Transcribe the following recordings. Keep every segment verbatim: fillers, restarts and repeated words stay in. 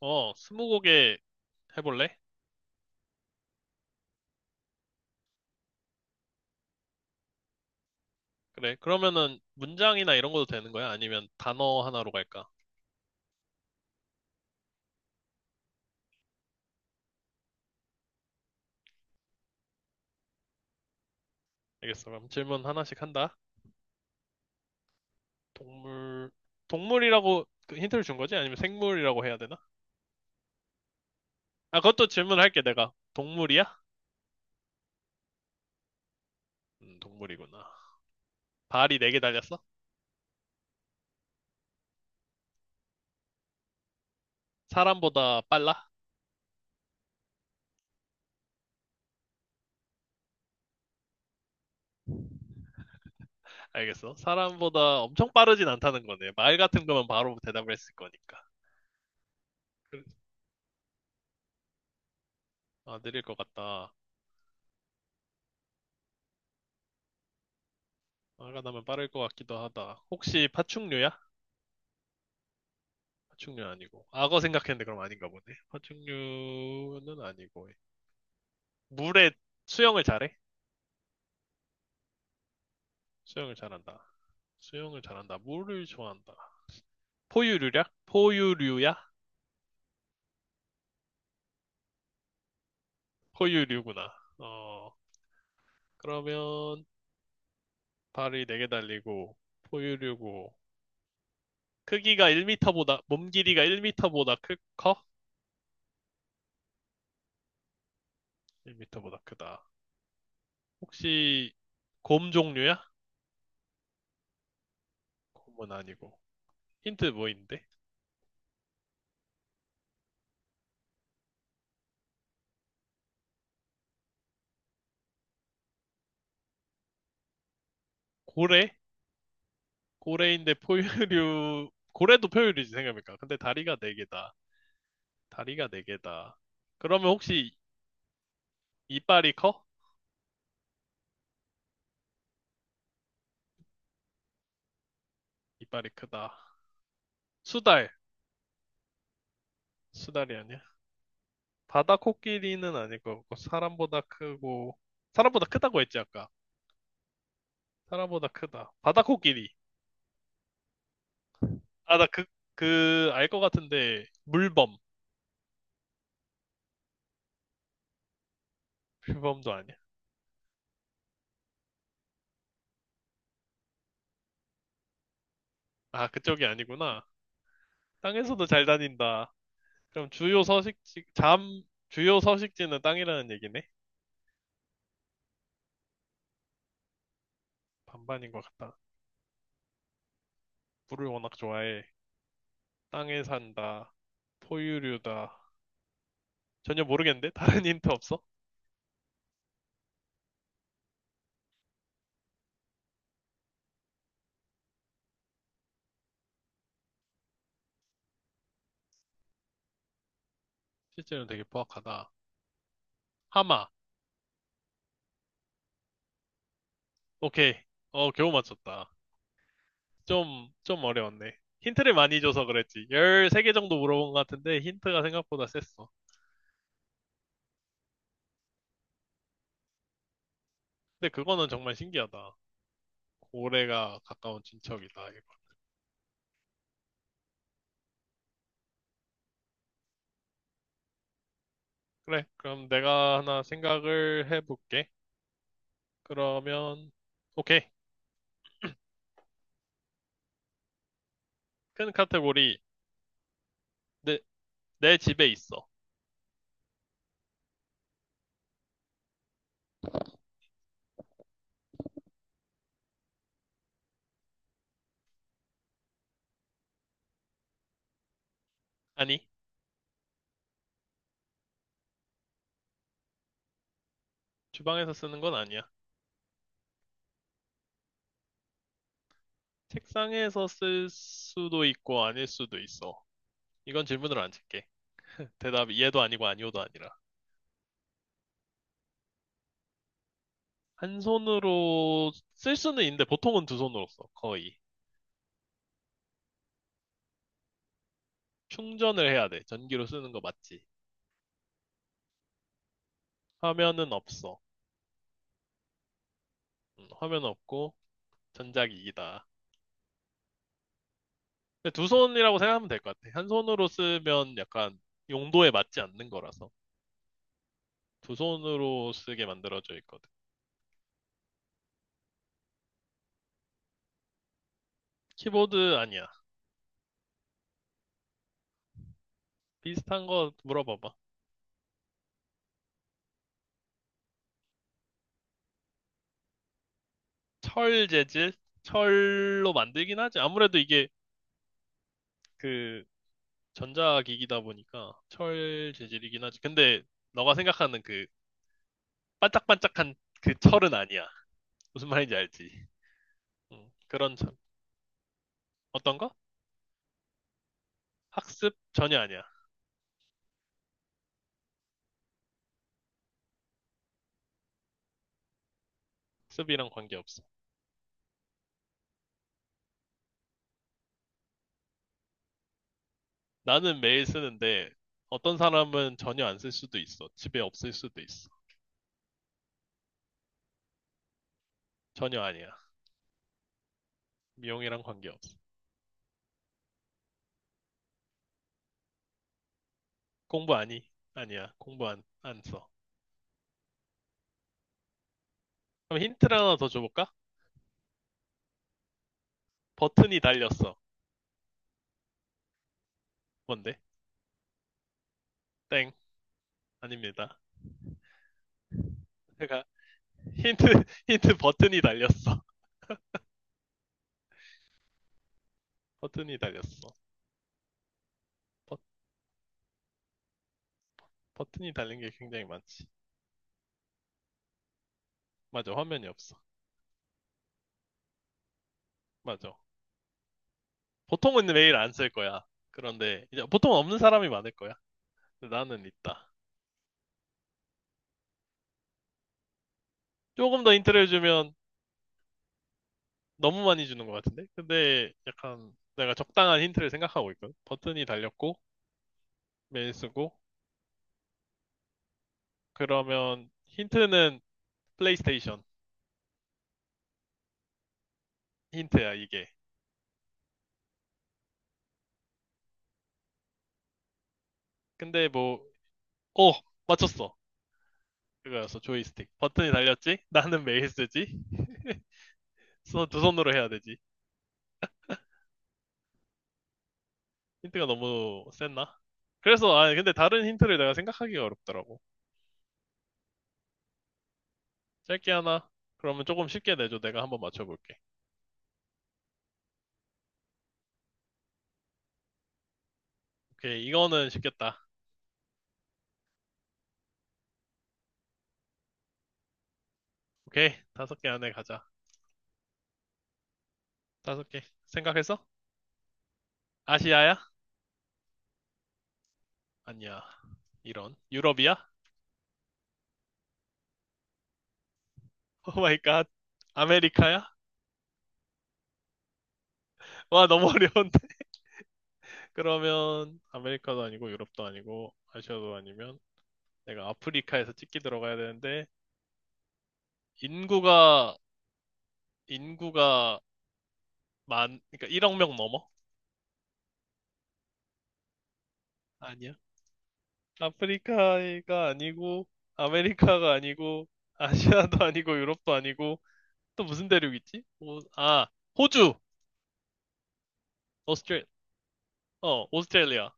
어, 스무고개 해볼래? 그래. 그러면은 문장이나 이런 것도 되는 거야? 아니면 단어 하나로 갈까? 알겠어. 그럼 질문 하나씩 한다. 동물, 동물이라고 그 힌트를 준 거지? 아니면 생물이라고 해야 되나? 아, 그것도 질문할게, 내가. 동물이야? 음, 동물이구나. 발이 네 개 달렸어? 사람보다 빨라? 알겠어. 사람보다 엄청 빠르진 않다는 거네. 말 같은 거면 바로 대답을 했을 거니까. 그래. 아, 느릴 것 같다. 화가 나면 빠를 것 같기도 하다. 혹시 파충류야? 파충류 아니고. 악어 생각했는데 그럼 아닌가 보네. 파충류는 아니고. 물에 수영을 잘해? 수영을 잘한다. 수영을 잘한다. 물을 좋아한다. 포유류야? 포유류야? 포유류구나. 어, 그러면 발이 네 개 달리고 포유류고 크기가 일 미터보다 몸 길이가 일 미터보다 크, 커? 일 미터보다 크다. 혹시 곰 종류야? 곰은 아니고. 힌트 뭐 있는데? 고래? 고래인데 포유류, 고래도 포유류지 생각해보니까. 근데 다리가 네 개다. 다리가 네 개다. 그러면 혹시 이빨이 커? 이빨이 크다. 수달. 수달이 아니야? 바다 코끼리는 아닐 것 같고, 사람보다 크고, 사람보다 크다고 했지, 아까. 사람보다 크다. 바다 코끼리. 아, 나 그, 그, 알 것 같은데, 물범. 물범도 아니야. 아, 그쪽이 아니구나. 땅에서도 잘 다닌다. 그럼 주요 서식지, 잠, 주요 서식지는 땅이라는 얘기네? 반반인 것 같다. 물을 워낙 좋아해. 땅에 산다. 포유류다. 전혀 모르겠는데? 다른 힌트 없어? 실제로는 되게 포악하다. 하마. 오케이. 어, 겨우 맞췄다. 좀, 좀 어려웠네. 힌트를 많이 줘서 그랬지. 열세 개 정도 물어본 것 같은데 힌트가 생각보다 셌어. 근데 그거는 정말 신기하다. 고래가 가까운 친척이다. 이거. 그래. 그럼 내가 하나 생각을 해볼게. 그러면, 오케이. 큰 카테고리. 내, 내 집에 있어. 아니, 주방에서 쓰는 건 아니야. 책상에서 쓸 수도 있고 아닐 수도 있어. 이건 질문으로 안 칠게. 대답이 얘도 아니고 아니오도 아니라. 한 손으로 쓸 수는 있는데 보통은 두 손으로 써, 거의. 충전을 해야 돼. 전기로 쓰는 거 맞지? 화면은 없어. 음, 화면 없고 전자기기다. 근데 두 손이라고 생각하면 될 것 같아. 한 손으로 쓰면 약간 용도에 맞지 않는 거라서. 두 손으로 쓰게 만들어져 있거든. 키보드 아니야. 비슷한 거 물어봐봐. 철 재질? 철로 만들긴 하지. 아무래도 이게 그 전자기기다 보니까 철 재질이긴 하지. 근데 너가 생각하는 그 반짝반짝한 그 철은 아니야. 무슨 말인지 알지? 응. 그런 철. 어떤 거? 학습? 전혀 아니야. 학습이랑 관계없어. 나는 매일 쓰는데 어떤 사람은 전혀 안 쓸 수도 있어. 집에 없을 수도 있어. 전혀 아니야. 미용이랑 관계없어. 공부 아니? 아니야. 공부 안, 안 써. 그럼 힌트를 하나 더 줘볼까? 버튼이 달렸어. 뭔데? 땡. 아닙니다. 제가 힌트, 힌트 버튼이 달렸어. 버튼이 달렸어. 버, 버튼이 달린 게 굉장히 많지. 맞아. 화면이 없어. 맞아. 보통은 매일 안 쓸 거야. 그런데 이제 보통 없는 사람이 많을 거야. 근데 나는 있다. 조금 더 힌트를 주면 너무 많이 주는 것 같은데? 근데 약간 내가 적당한 힌트를 생각하고 있거든. 버튼이 달렸고, 메일 쓰고, 그러면 힌트는 플레이스테이션 힌트야, 이게. 근데 뭐, 오! 맞췄어. 그거였어, 조이스틱. 버튼이 달렸지? 나는 메일 쓰지? 손- 두 손으로 해야 되지. 힌트가 너무 셌나? 그래서, 아, 근데 다른 힌트를 내가 생각하기가 어렵더라고. 짧게 하나. 그러면 조금 쉽게 내줘. 내가 한번 맞춰볼게. 오케이, 이거는 쉽겠다. 오케이, 다섯 개 안에 가자. 다섯 개. 생각했어? 아시아야? 아니야. 이런. 유럽이야? 오 마이 갓. 아메리카야? 와, 너무 어려운데. 그러면 아메리카도 아니고 유럽도 아니고 아시아도 아니면 내가 아프리카에서 찍기 들어가야 되는데 인구가 인구가 만 그러니까 일억 명 넘어? 아니야. 아프리카가 아니고 아메리카가 아니고 아시아도 아니고 유럽도 아니고 또 무슨 대륙 있지? 오, 아, 호주. 오스트레 어, 오스트레일리아.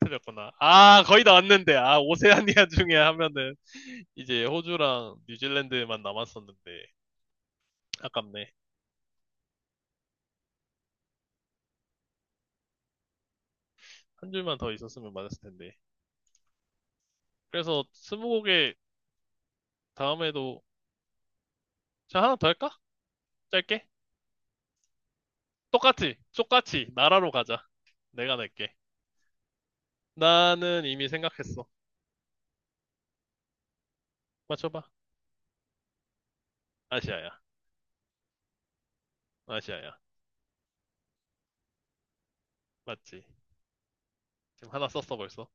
틀렸구나. 아, 거의 다 왔는데 아, 오세아니아 중에 하면은 이제 호주랑 뉴질랜드만 남았었는데 아깝네. 한 줄만 더 있었으면 맞았을 텐데. 그래서 스무고개 다음에도 자, 하나 더 할까? 짧게? 똑같이, 똑같이 나라로 가자. 내가 낼게. 나는 이미 생각했어. 맞춰봐. 아시아야. 아시아야. 맞지? 지금 하나 썼어 벌써.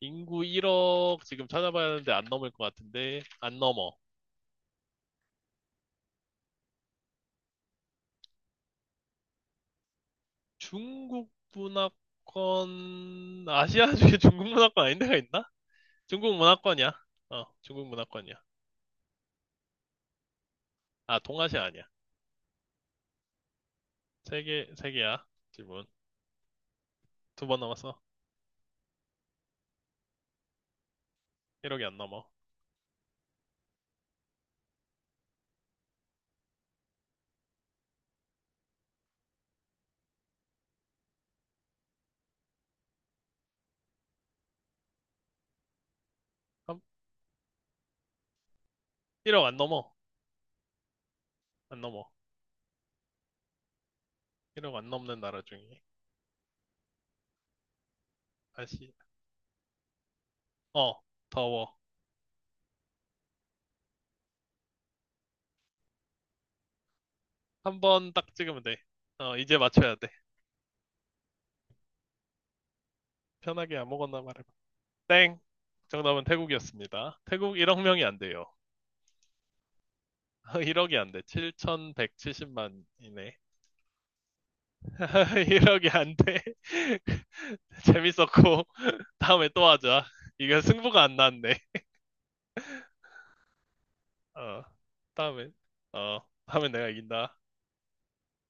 인구 일억 지금 찾아봐야 하는데 안 넘을 것 같은데 안 넘어. 중국 문화권, 아시아 중에 중국 문화권 아닌 데가 있나? 중국 문화권이야. 어, 중국 문화권이야. 아, 동아시아 아니야. 세 개, 세 개야. 질문. 두 번 넘었어. 일억이 안 넘어. 일억 안 넘어. 안 넘어. 일억 안 넘는 나라 중에. 아시, 어, 더워. 한 번 딱 찍으면 돼. 어, 이제 맞춰야 돼. 편하게 아무거나 말해봐. 땡! 정답은 태국이었습니다. 태국 일억 명이 안 돼요. 일억이 안 돼. 칠천백칠십만이네. 이억이 안 돼. 재밌었고, 다음에 또 하자. 이거 승부가 안 났네. 어, 다음에, 어, 다음에 내가 이긴다.